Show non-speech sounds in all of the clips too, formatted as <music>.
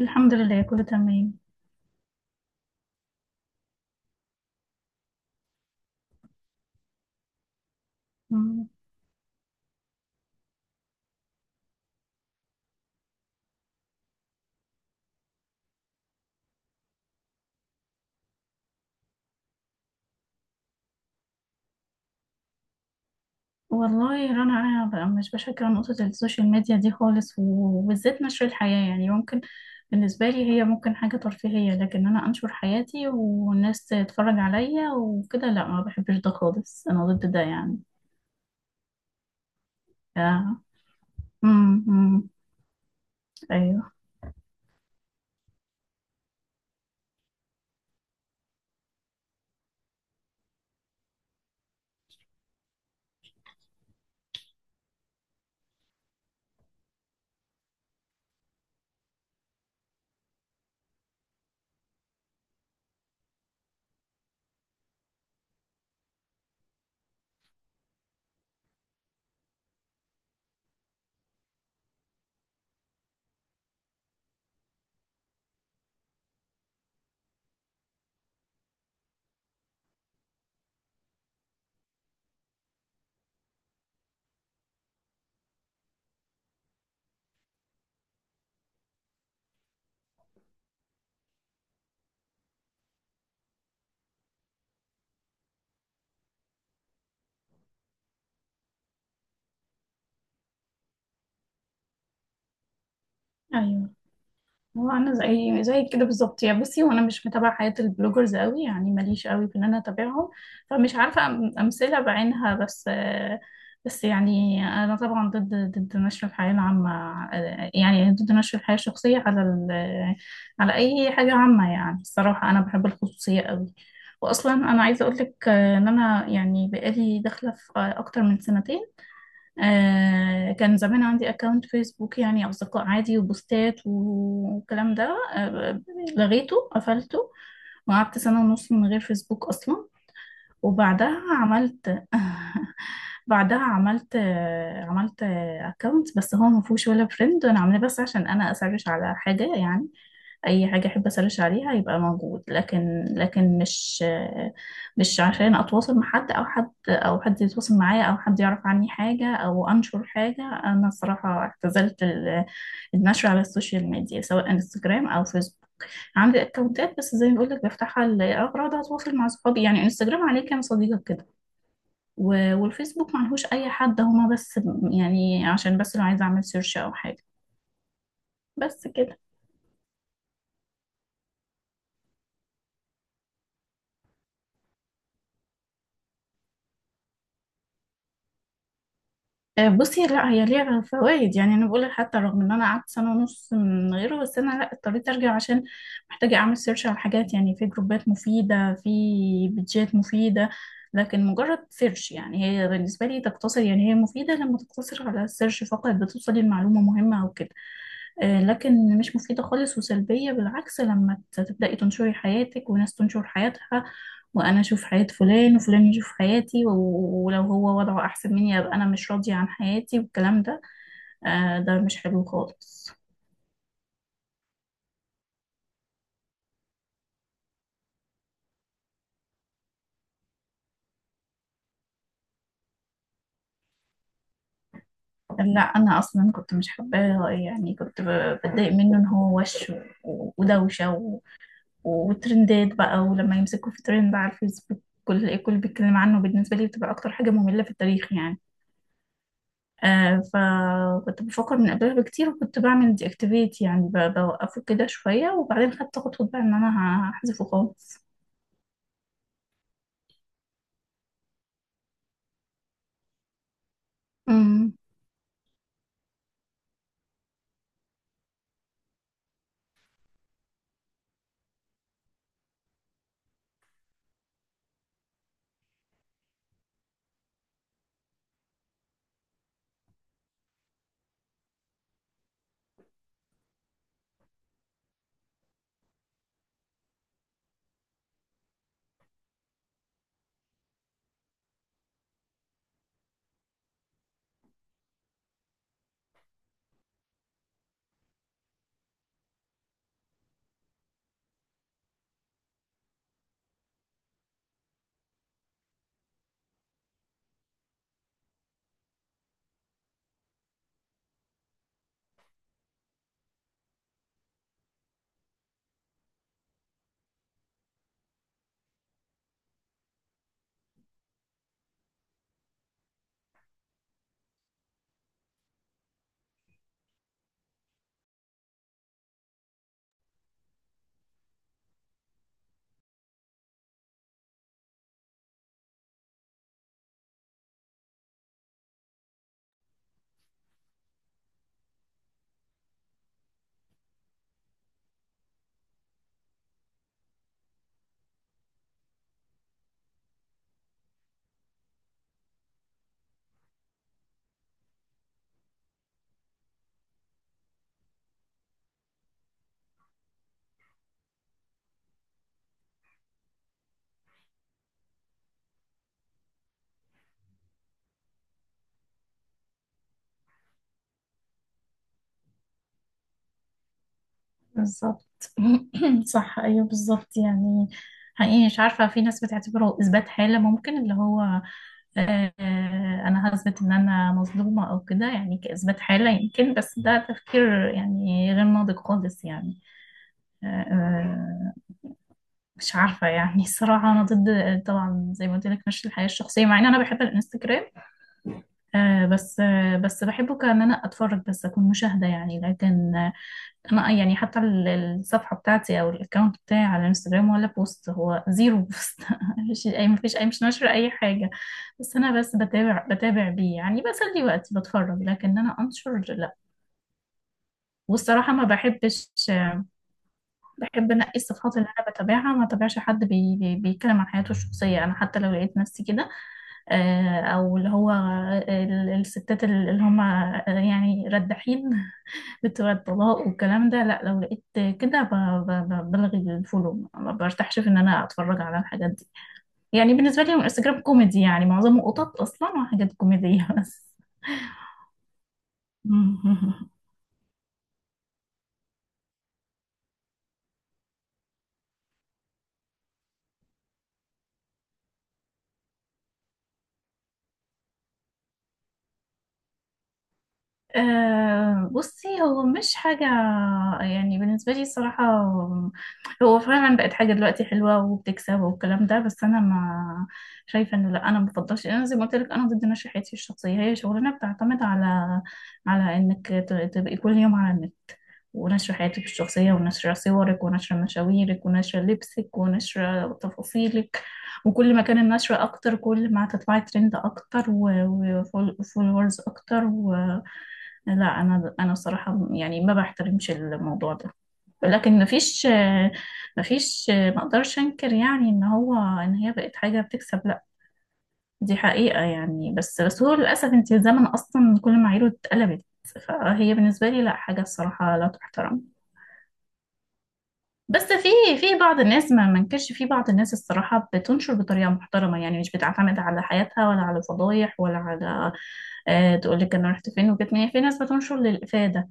الحمد لله، كله تمام. مم. والله رنا، انا بقى مش بشجع نقطة السوشيال ميديا دي خالص، وبالذات نشر الحياة. يعني ممكن بالنسبة لي هي ممكن حاجة ترفيهية، لكن انا انشر حياتي والناس تتفرج عليا وكده؟ لا، ما بحبش ده خالص، انا ضد ده يعني. ف- مم. مم. ايوه ايوه. هو انا زي كده بالظبط يا بصي، وانا مش متابعه حياه البلوجرز قوي، يعني ماليش قوي في ان انا اتابعهم، فمش عارفه امثله بعينها. بس بس يعني انا طبعا ضد نشر الحياه العامه، يعني ضد نشر الحياه الشخصيه على على اي حاجه عامه. يعني الصراحه انا بحب الخصوصيه قوي. واصلا انا عايزه اقول لك ان انا يعني بقالي داخله في اكتر من سنتين. آه، كان زمان عندي اكونت فيسبوك، يعني اصدقاء عادي وبوستات والكلام ده. آه، لغيته قفلته، وقعدت سنة ونص من غير فيسبوك اصلا. وبعدها عملت <laughs> بعدها عملت عملت اكونت، بس هو ما فيهوش ولا فريند، وانا عاملاه بس عشان انا اسرش على حاجه يعني. اي حاجه احب اسرش عليها يبقى موجود، لكن مش مش عشان اتواصل مع حد، او حد، او حد يتواصل معايا، او حد يعرف عني حاجه، او انشر حاجه. انا الصراحه اعتزلت النشر على السوشيال ميديا، سواء انستجرام او فيسبوك. عندي اكونتات بس زي ما بقول لك بفتحها لاغراض اتواصل مع صحابي، يعني انستجرام عليه كام صديقه كده، والفيسبوك معلهوش اي حد، هما بس، يعني عشان بس لو عايزه اعمل سيرش او حاجه. بس كده. آه، بصي، لا هي ليها فوائد، يعني انا بقول لك حتى رغم ان انا قعدت سنه ونص من غيره، بس انا لا اضطريت ارجع، عشان محتاجه اعمل سيرش على حاجات. يعني في جروبات مفيده، في بيدجات مفيده، لكن مجرد سيرش. يعني هي بالنسبه لي تقتصر، يعني هي مفيده لما تقتصر على السيرش فقط، بتوصلي لمعلومه مهمه او كده. آه، لكن مش مفيدة خالص وسلبية بالعكس لما تبدأي تنشري حياتك وناس تنشر حياتها، وانا اشوف حياة فلان وفلان يشوف حياتي، ولو هو وضعه احسن مني ابقى انا مش راضية عن حياتي والكلام ده. آه، ده مش حلو خالص. لا انا اصلا كنت مش حباه، يعني كنت بتضايق منه، ان هو وش ودوشة وترندات بقى، ولما يمسكوا في ترند على الفيسبوك كل الكل بيتكلم عنه، بالنسبة لي بتبقى اكتر حاجة مملة في التاريخ يعني. آه، فكنت بفكر من قبلها بكتير، وكنت بعمل دي اكتيفيت، يعني بوقفه كده شوية، وبعدين خدت خطوة بقى ان انا هحذفه خالص. امم، بالظبط. <clears throat> صح، ايوه بالظبط يعني. حقيقي مش عارفه، في ناس بتعتبره اثبات حاله، ممكن اللي هو، آه، انا هثبت ان انا مظلومه او كده، يعني كاثبات حاله يمكن، بس ده تفكير يعني غير ناضج خالص يعني. آه، مش عارفه يعني <laughs> الصراحه انا ضد، طبعا زي ما قلت لك، مش الحياه الشخصيه، مع ان انا بحب الانستجرام. بس بحبه كان انا اتفرج بس، اكون مشاهده يعني، لكن انا يعني حتى الصفحه بتاعتي او الاكونت بتاعي على الانستجرام، ولا بوست، هو زيرو بوست <laughs> مفيش اي مش ناشره اي حاجه. بس انا بس بتابع بيه يعني، بسلي وقتي بتفرج، لكن انا انشر لا. والصراحه ما بحبش، بحب انقي الصفحات اللي انا بتابعها. ما تابعش حد بي بي بيتكلم عن حياته الشخصيه. انا حتى لو لقيت نفسي كده، او اللي هو الستات اللي هم، يعني ردحين، فكرة بقى الطلاق والكلام ده، لا، لو لقيت كده بلغي الفولو، ما برتاحش في ان انا اتفرج على الحاجات دي. يعني بالنسبة لي الانستجرام كوميدي، يعني معظمه قطط اصلا وحاجات كوميدية بس <laughs> أه، بصي، هو مش حاجة، يعني بالنسبة لي الصراحة هو فعلا بقت حاجة دلوقتي حلوة وبتكسب والكلام ده، بس أنا ما شايفة إنه، لأ، أنا مبفضلش، أنا زي ما قلت لك أنا ضد نشرحيتي الشخصية. هي شغلانة بتعتمد على، على إنك تبقي كل يوم على النت، ونشر حياتك الشخصية ونشر صورك ونشر مشاويرك ونشر لبسك ونشر تفاصيلك، وكل ما كان النشر أكتر كل ما هتطلعي ترند أكتر وفولورز أكتر. لا، انا الصراحه يعني ما بحترمش الموضوع ده، لكن مفيش، مفيش ما اقدرش انكر يعني ان هو ان هي بقت حاجه بتكسب، لا دي حقيقه يعني، بس بس هو للاسف انت الزمن اصلا كل معاييره اتقلبت، فهي بالنسبه لي لا حاجه الصراحه لا تحترم. بس في، في بعض الناس، ما منكرش في بعض الناس الصراحه بتنشر بطريقه محترمه، يعني مش بتعتمد على حياتها ولا على فضايح ولا على، آه، تقول لك انا رحت فين وجيت منين، في ناس بتنشر للافاده،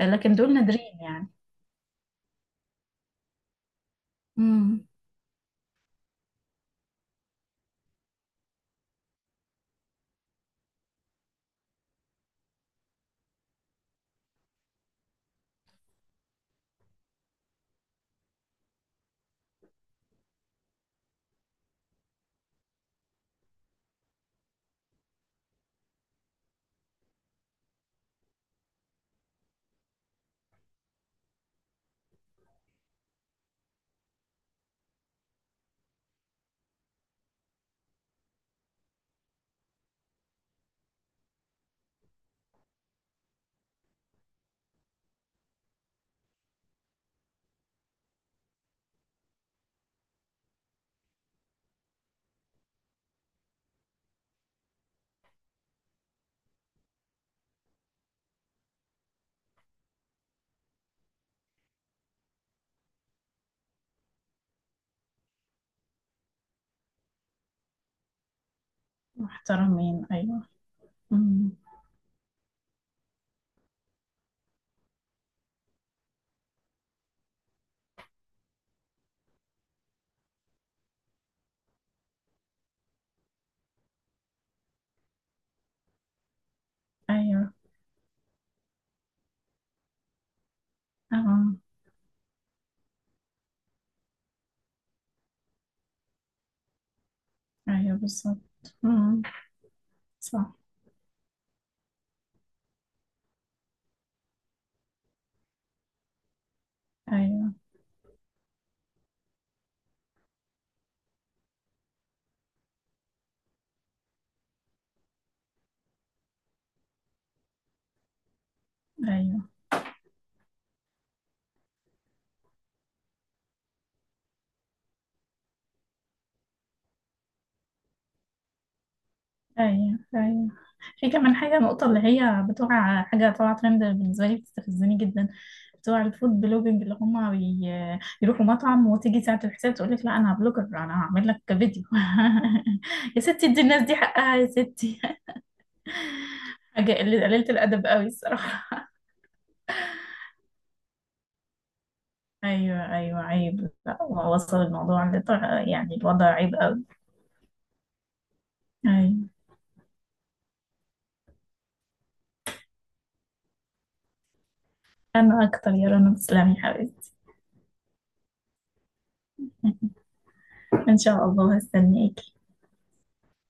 آه، لكن دول نادرين يعني. امم، محترمين، أيوة. امم. أيوة. أم. أيوة بالظبط. امم. صح. أيوة. أيوة. أيوة. أيوة. في كمان حاجة، النقطة اللي هي بتوع حاجة طالعة ترند، بالنسبة لي بتستفزني جدا، بتوع الفود بلوجينج، اللي هما بي... يروحوا مطعم وتيجي ساعة الحساب تقول لك لا أنا بلوجر أنا هعمل لك فيديو <laughs> يا ستي ادي الناس دي حقها يا ستي <laughs> حاجة قليلة الأدب قوي الصراحة. أيوة أيوة، عيب، لا وصل الموضوع لطر... يعني الوضع عيب قوي. أيوة. أنا أكتر يا رنا، تسلمي يا حبيبتي. <laughs> إن شاء الله، هستناكي.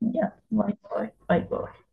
يلا، باي باي، باي باي.